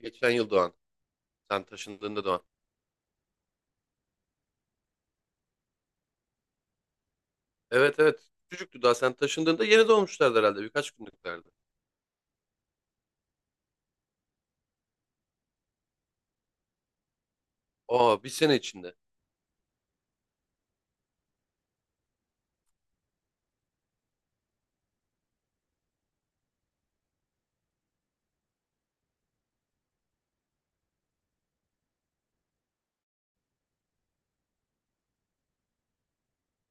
Geçen yıl doğan. Sen taşındığında doğan. Evet evet. Çocuktu daha, sen taşındığında yeni doğmuşlardı herhalde. Birkaç günlüklerdi. Aa, bir sene içinde.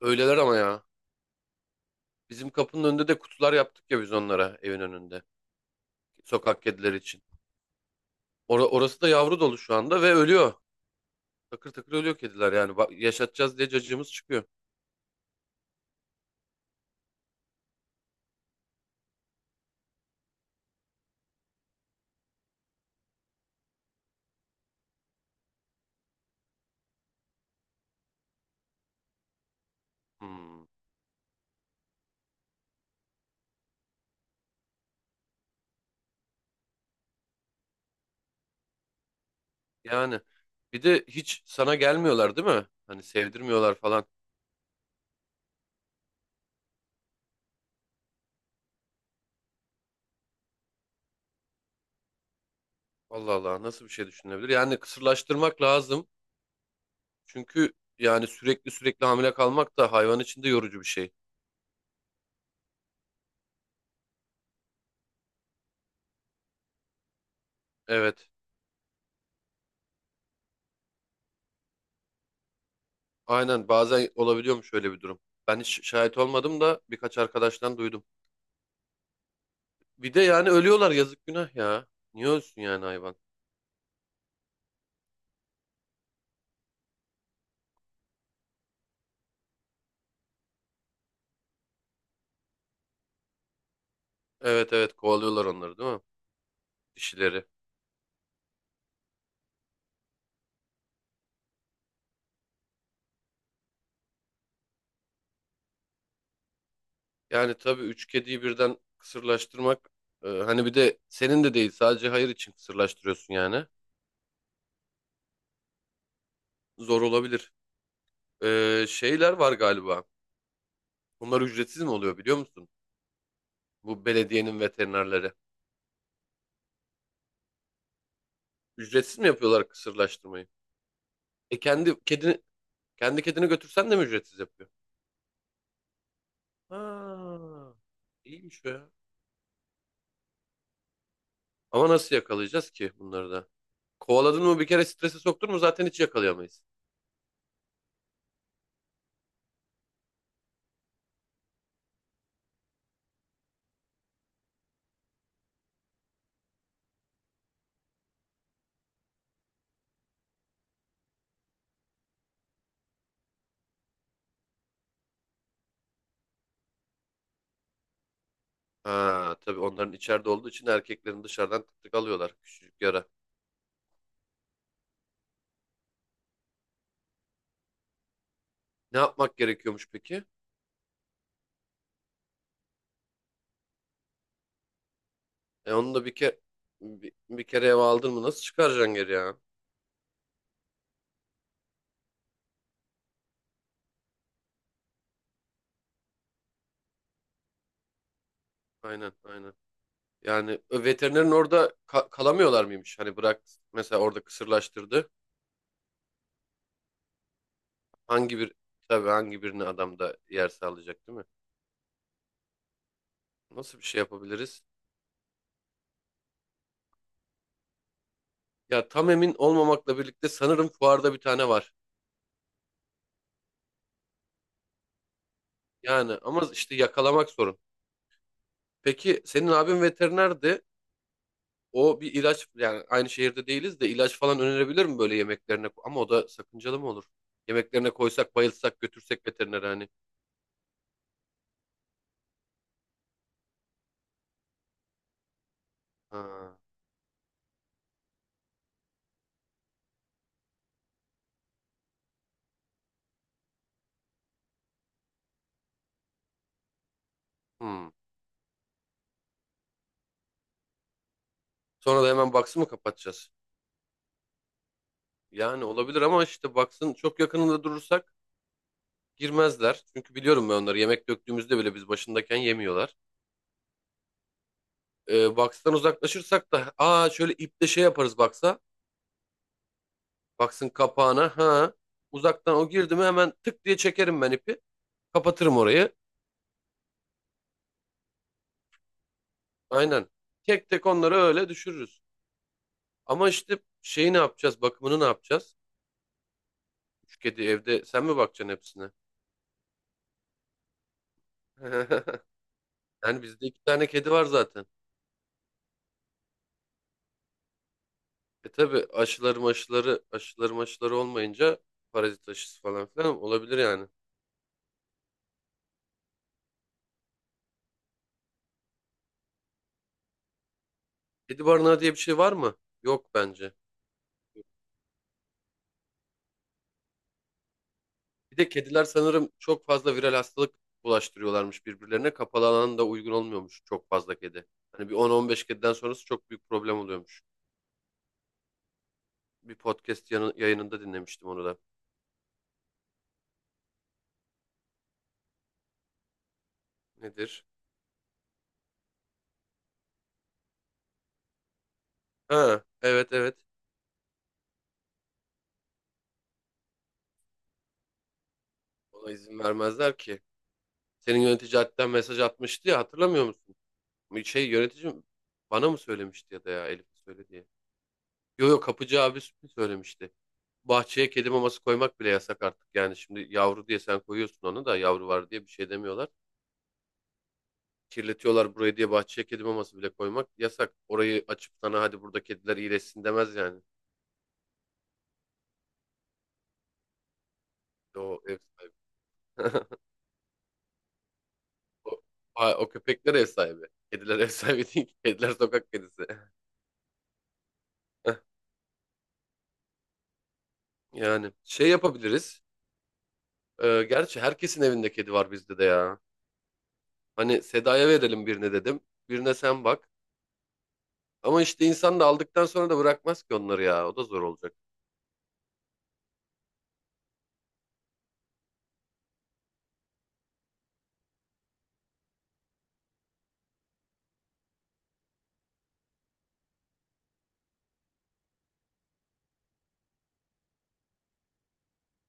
Öyleler ama ya. Bizim kapının önünde de kutular yaptık ya biz onlara, evin önünde. Sokak kedileri için. Orası da yavru dolu şu anda ve ölüyor. Takır takır ölüyor kediler yani. Bak, yaşatacağız diye cacığımız çıkıyor. Hmm. Yani bir de hiç sana gelmiyorlar değil mi? Hani sevdirmiyorlar falan. Allah Allah, nasıl bir şey düşünülebilir? Yani kısırlaştırmak lazım. Çünkü yani sürekli sürekli hamile kalmak da hayvan için de yorucu bir şey. Evet. Aynen, bazen olabiliyormuş öyle bir durum. Ben hiç şahit olmadım da birkaç arkadaştan duydum. Bir de yani ölüyorlar, yazık, günah ya. Niye ölsün yani hayvan? Evet evet, kovalıyorlar onları değil mi? Dişileri. Yani tabii üç kediyi birden kısırlaştırmak, hani bir de senin de değil, sadece hayır için kısırlaştırıyorsun yani. Zor olabilir. E, şeyler var galiba. Bunlar ücretsiz mi oluyor biliyor musun? Bu belediyenin veterinerleri. Ücretsiz mi yapıyorlar kısırlaştırmayı? E, kendi kedini kendi kedini götürsen de mi ücretsiz yapıyor? Ha, iyiymiş o ya. Ama nasıl yakalayacağız ki bunları da? Kovaladın mı bir kere, strese soktun mu zaten hiç yakalayamayız. Ha, tabii onların içeride olduğu için erkeklerin, dışarıdan tık tık alıyorlar, küçücük yara. Ne yapmak gerekiyormuş peki? E onu da bir kere, bir kere eve aldın mı nasıl çıkaracaksın geri ya? Aynen aynen. Yani veterinerin orada kalamıyorlar mıymış? Hani bırak, mesela orada kısırlaştırdı. Hangi bir Tabii hangi birine adam da yer sağlayacak değil mi? Nasıl bir şey yapabiliriz? Ya, tam emin olmamakla birlikte sanırım fuarda bir tane var. Yani ama işte yakalamak sorun. Peki senin abin veterinerdi. O bir ilaç, yani aynı şehirde değiliz de, ilaç falan önerebilir mi böyle yemeklerine? Ama o da sakıncalı mı olur? Yemeklerine koysak, bayılsak, götürsek veterinere hani. Ha, hmm. Sonra da hemen box'ı mı kapatacağız? Yani olabilir ama işte, baksın, çok yakınında durursak girmezler. Çünkü biliyorum ben onları. Yemek döktüğümüzde bile biz başındayken yemiyorlar. Box'tan uzaklaşırsak da, şöyle iple şey yaparız box'a. Box'ın kapağına, ha. Uzaktan o girdi mi hemen tık diye çekerim ben ipi. Kapatırım orayı. Aynen. Tek tek onları öyle düşürürüz. Ama işte şeyi ne yapacağız? Bakımını ne yapacağız? Üç kedi evde, sen mi bakacaksın hepsine? Yani bizde iki tane kedi var zaten. E tabi, aşıları maşıları olmayınca parazit aşısı falan filan olabilir yani. Kedi barınağı diye bir şey var mı? Yok bence. Bir de kediler sanırım çok fazla viral hastalık bulaştırıyorlarmış birbirlerine. Kapalı alan da uygun olmuyormuş çok fazla kedi. Hani bir 10-15 kediden sonrası çok büyük problem oluyormuş. Bir podcast yayınında dinlemiştim onu da. Nedir? Ha, evet evet. Ona izin vermezler ki. Senin yönetici hatta mesaj atmıştı ya, hatırlamıyor musun? Bir şey, yöneticim bana mı söylemişti ya da ya Elif söyledi diye. Yo yo, kapıcı abi söylemişti. Bahçeye kedi maması koymak bile yasak artık. Yani şimdi yavru diye sen koyuyorsun, onu da yavru var diye bir şey demiyorlar. Kirletiyorlar burayı diye bahçeye kedi maması bile koymak yasak. Orayı açıp sana hadi burada kediler iyileşsin demez yani. O ev sahibi. O, o köpekler ev sahibi. Kediler ev sahibi değil ki. Kediler sokak kedisi. Yani şey yapabiliriz. Gerçi herkesin evinde kedi var, bizde de ya. Hani Seda'ya verelim birine dedim. Birine sen bak. Ama işte insan da aldıktan sonra da bırakmaz ki onları ya. O da zor olacak.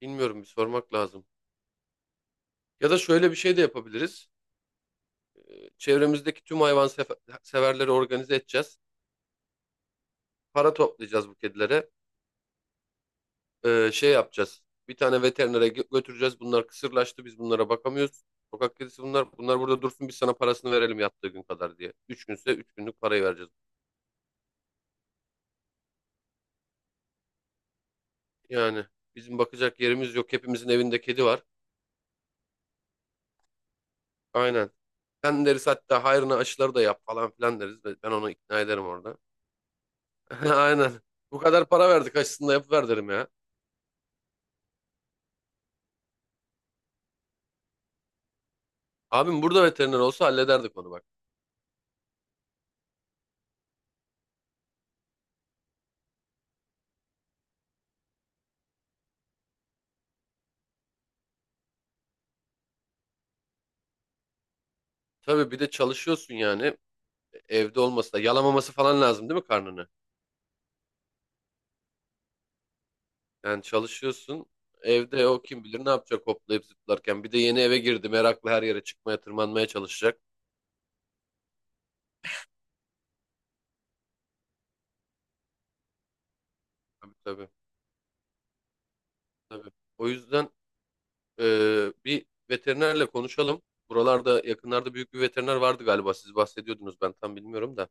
Bilmiyorum, bir sormak lazım. Ya da şöyle bir şey de yapabiliriz. Çevremizdeki tüm hayvan severleri organize edeceğiz. Para toplayacağız bu kedilere. Şey yapacağız. Bir tane veterinere götüreceğiz. Bunlar kısırlaştı. Biz bunlara bakamıyoruz. Sokak kedisi bunlar. Bunlar burada dursun. Biz sana parasını verelim yattığı gün kadar diye. Üç günse üç günlük parayı vereceğiz. Yani bizim bakacak yerimiz yok. Hepimizin evinde kedi var. Aynen. Sen deriz hatta, hayrına aşıları da yap falan filan deriz. Ben onu ikna ederim orada. Aynen. Bu kadar para verdik, aşısını da yapıver derim ya. Abim burada veteriner olsa hallederdik onu, bak. Tabii, bir de çalışıyorsun, yani evde olması da, yalamaması falan lazım değil mi karnını? Yani çalışıyorsun, evde o kim bilir ne yapacak hoplayıp zıplarken. Bir de yeni eve girdi, meraklı, her yere çıkmaya, tırmanmaya çalışacak. Tabii tabii tabii. O yüzden e, bir veterinerle konuşalım. Buralarda yakınlarda büyük bir veteriner vardı galiba, siz bahsediyordunuz, ben tam bilmiyorum da.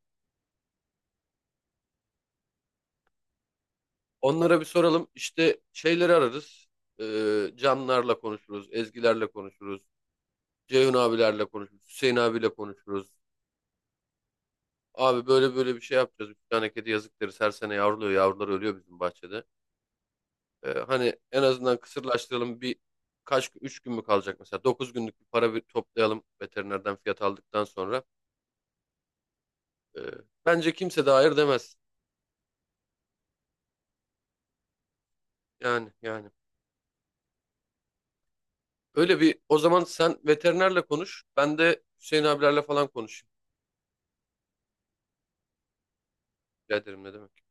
Onlara bir soralım, işte şeyleri ararız. E, canlarla konuşuruz, ezgilerle konuşuruz. Ceyhun abilerle konuşuruz. Hüseyin abiyle konuşuruz. Abi böyle böyle bir şey yapacağız. Üç tane kedi, yazık deriz. Her sene yavruluyor. Yavrular ölüyor bizim bahçede. Hani en azından kısırlaştıralım. Üç gün mü kalacak mesela? Dokuz günlük bir para bir toplayalım, veterinerden fiyat aldıktan sonra. Ee, Bence kimse de hayır demez. Yani yani. Öyle. Bir o zaman sen veterinerle konuş. Ben de Hüseyin abilerle falan konuşayım. Rica ederim, ne demek.